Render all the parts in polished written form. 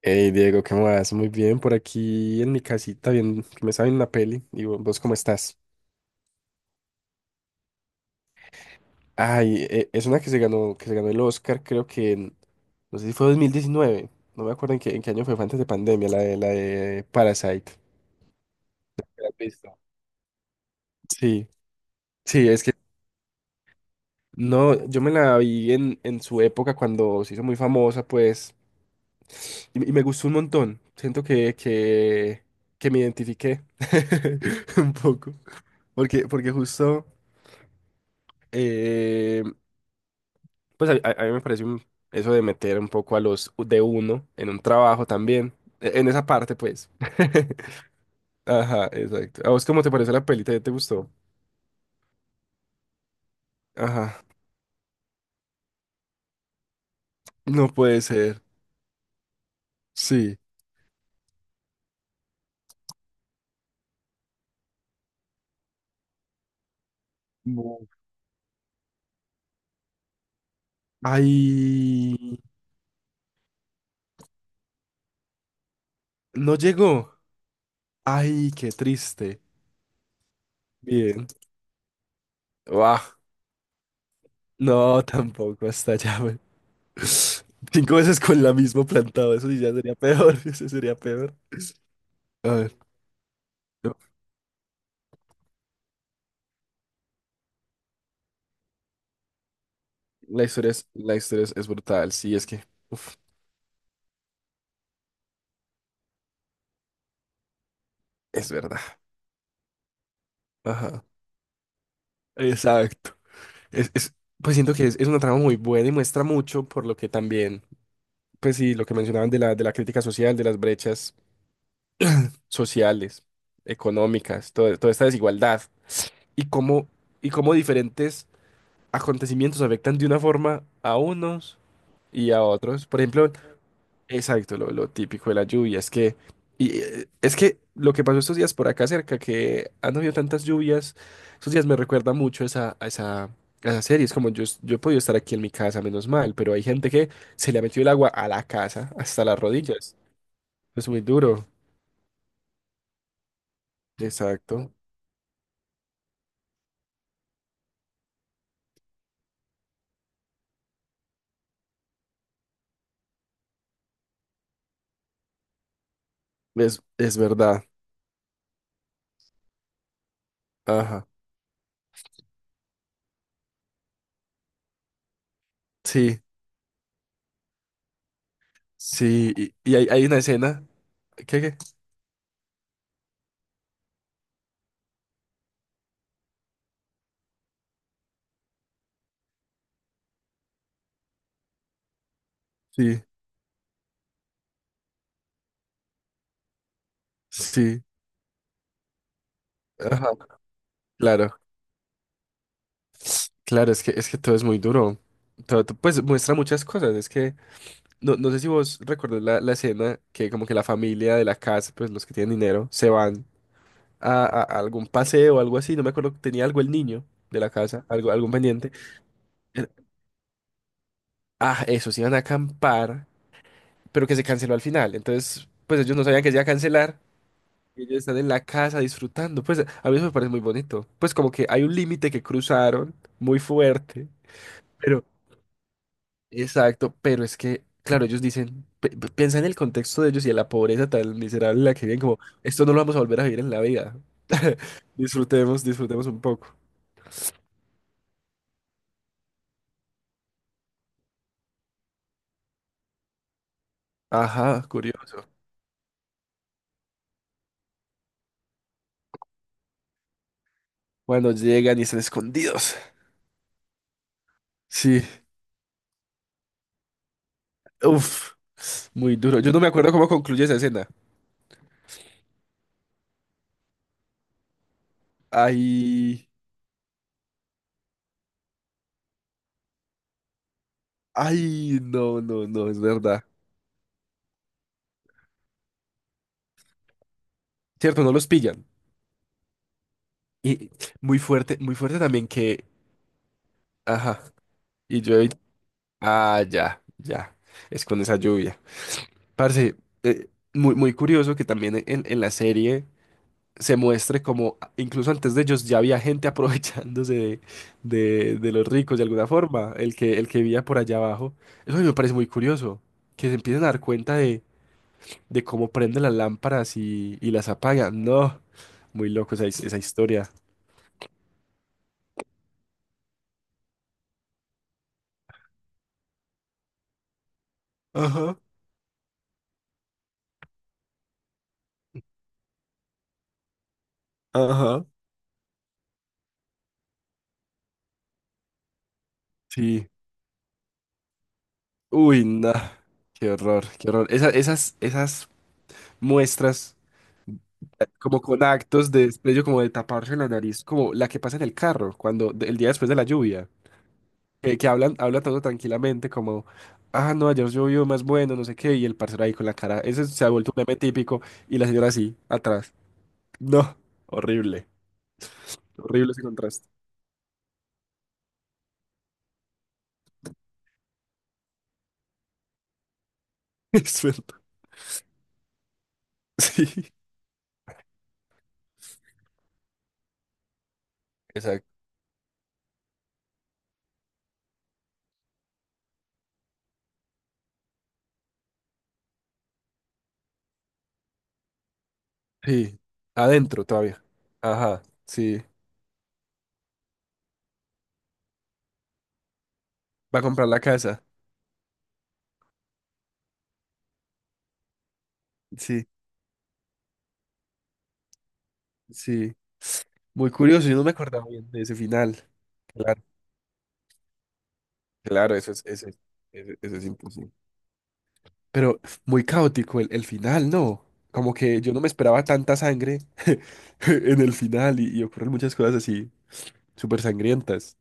Hey Diego, ¿qué más? Muy bien, por aquí en mi casita, bien, que me saben una peli. ¿Y vos cómo estás? Ay, es una que se ganó el Oscar, creo no sé si fue 2019, no me acuerdo en qué año fue, fue antes de pandemia, la de Parasite. ¿La has visto? Sí, sí, es que no, yo me la vi en su época cuando se hizo muy famosa, pues, y me gustó un montón. Siento que me identifiqué un poco. Porque justo. eh, Pues a mí me parece eso de meter un poco a los de uno en un trabajo también, en esa parte pues. Ajá, exacto. ¿A vos cómo te parece la pelita? ¿Ya te gustó? Ajá. No puede ser. Sí. No. Ay, no llegó. Ay, qué triste. Bien. Guau. No, tampoco hasta allá, güey. Cinco veces con la misma plantado, eso sí ya sería peor, eso sería peor. A ver, no, la historia es brutal, sí, es que. Uf. Es verdad. Ajá. Exacto. Es, es- pues siento que es una trama muy buena y muestra mucho por lo que también, pues sí, lo que mencionaban de la crítica social, de las brechas sociales, económicas, toda esta desigualdad y cómo, y cómo diferentes acontecimientos afectan de una forma a unos y a otros. Por ejemplo, exacto, lo típico de la lluvia es que, y, es que lo que pasó estos días por acá cerca, que han habido tantas lluvias, estos días me recuerda mucho a esa serie. Es como yo, yo he podido estar aquí en mi casa, menos mal, pero hay gente que se le ha metido el agua a la casa, hasta las rodillas. Es muy duro. Exacto. Es verdad. Ajá. Sí, sí. Y hay una escena. ¿Qué? Sí, sí. Ajá. Claro. Claro, es que todo es muy duro. Pues muestra muchas cosas. Es que no sé si vos recordás la escena que como que la familia de la casa, pues los que tienen dinero, se van a algún paseo o algo así. No me acuerdo, tenía algo el niño de la casa, algo, algún pendiente. Eh, Ah, eso, se iban a acampar, pero que se canceló al final. Entonces, pues ellos no sabían que se iba a cancelar. Y ellos están en la casa disfrutando. Pues a mí eso me parece muy bonito. Pues como que hay un límite que cruzaron muy fuerte. Exacto, pero es que, claro, ellos dicen, piensa en el contexto de ellos y en la pobreza tan miserable en la que viven, como, esto no lo vamos a volver a vivir en la vida. Disfrutemos, disfrutemos un poco. Ajá, curioso. Cuando llegan y están escondidos. Sí, uff, muy duro. Yo no me acuerdo cómo concluye esa escena. Ay, ay, no, no, no, es verdad. Cierto, no los pillan. Y muy fuerte también que, ajá, y yo, ah, ya, ya, es con esa lluvia. Parce, eh, muy, muy curioso que también en la serie se muestre como incluso antes de ellos ya había gente aprovechándose de los ricos de alguna forma, el que vivía por allá abajo. Eso a mí me parece muy curioso, que se empiecen a dar cuenta de cómo prenden las lámparas y las apagan. No, muy loco esa historia. Ajá, ajá. Sí. Uy, no. Qué horror, qué horror. Esas muestras, como con actos de desprecio, como de taparse la nariz, como la que pasa en el carro, cuando el día después de la lluvia, que habla todo tranquilamente, como, ah, no, ayer llovió más bueno, no sé qué, y el parcero ahí con la cara, ese se ha vuelto un meme típico, y la señora así, atrás. No, horrible, horrible ese contraste. Es verdad. Sí, exacto. Sí, adentro todavía. Ajá, sí, va a comprar la casa. Sí, sí. Muy curioso, yo no me acordaba bien de ese final. Claro, eso es, eso es, eso es imposible. Pero muy caótico el final, ¿no? Como que yo no me esperaba tanta sangre en el final y ocurren muchas cosas así súper sangrientas.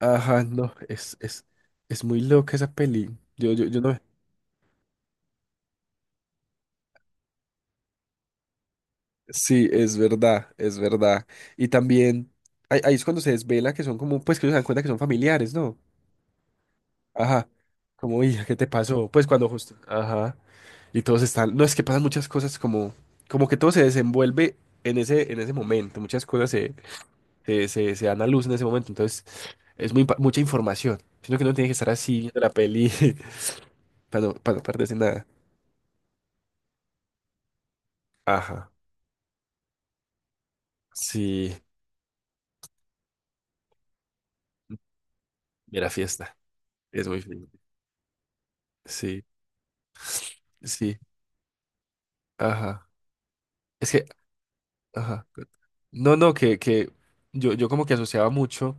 Ajá, no, es muy loca esa peli. Yo no. Sí, es verdad, es verdad. Y también ahí es cuando se desvela que son como, pues que ellos se dan cuenta que son familiares, ¿no? Ajá. Como, uy, ¿qué te pasó? Pues cuando justo. Ajá. Y todos están. No, es que pasan muchas cosas como. Como que todo se desenvuelve en ese momento. Muchas cosas se dan a luz en ese momento. Entonces, es mucha información. Sino que uno tiene que estar así viendo la peli para no perderse nada. Ajá. Sí. Mira, fiesta. Es muy fino. Sí, sí. Ajá. Es que, ajá. No, no, que yo como que asociaba mucho.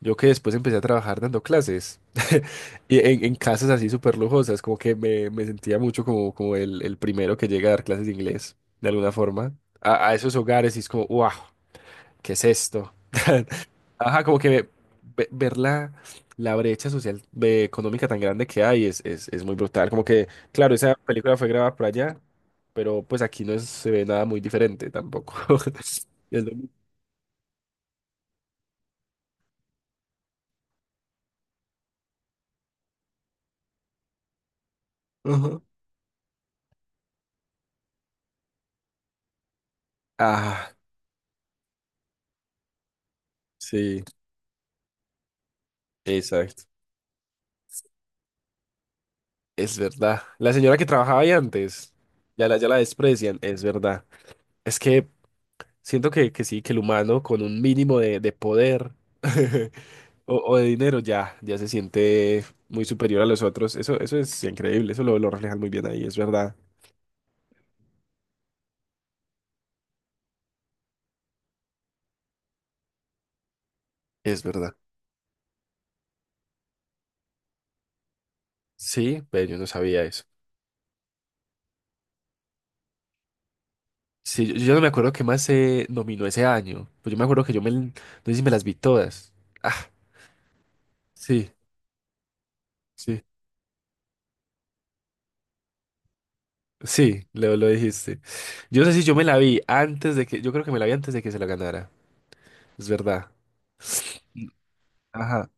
Yo que después empecé a trabajar dando clases y en casas así súper lujosas, como que me sentía mucho como, el primero que llega a dar clases de inglés, de alguna forma, a esos hogares y es como, wow, ¿qué es esto? Ajá, como que ver la brecha social, económica tan grande que hay es, es muy brutal. Como que, claro, esa película fue grabada por allá, pero pues aquí no se ve nada muy diferente tampoco. Es lo mismo. Ajá. Ah, sí, exacto. Es verdad. La señora que trabajaba ahí antes, ya la desprecian, es verdad. Es que siento que sí, que el humano con un mínimo de poder o de dinero ya se siente muy superior a los otros. Eso es increíble, eso lo reflejan muy bien ahí, es verdad. Es verdad. Sí, pero yo no sabía eso. Sí, yo no me acuerdo qué más se nominó ese año. Pues yo me acuerdo que no sé si me las vi todas. Ah, sí, sí. Sí, lo dijiste. Yo no sé si yo me la vi antes de que, yo creo que me la vi antes de que se la ganara. Es verdad. Ajá.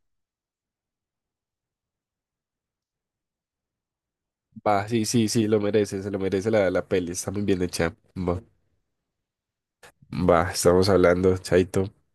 Va, sí, sí, sí, lo merece, se lo merece la peli, está muy bien hecha. Va, va, estamos hablando, chaito.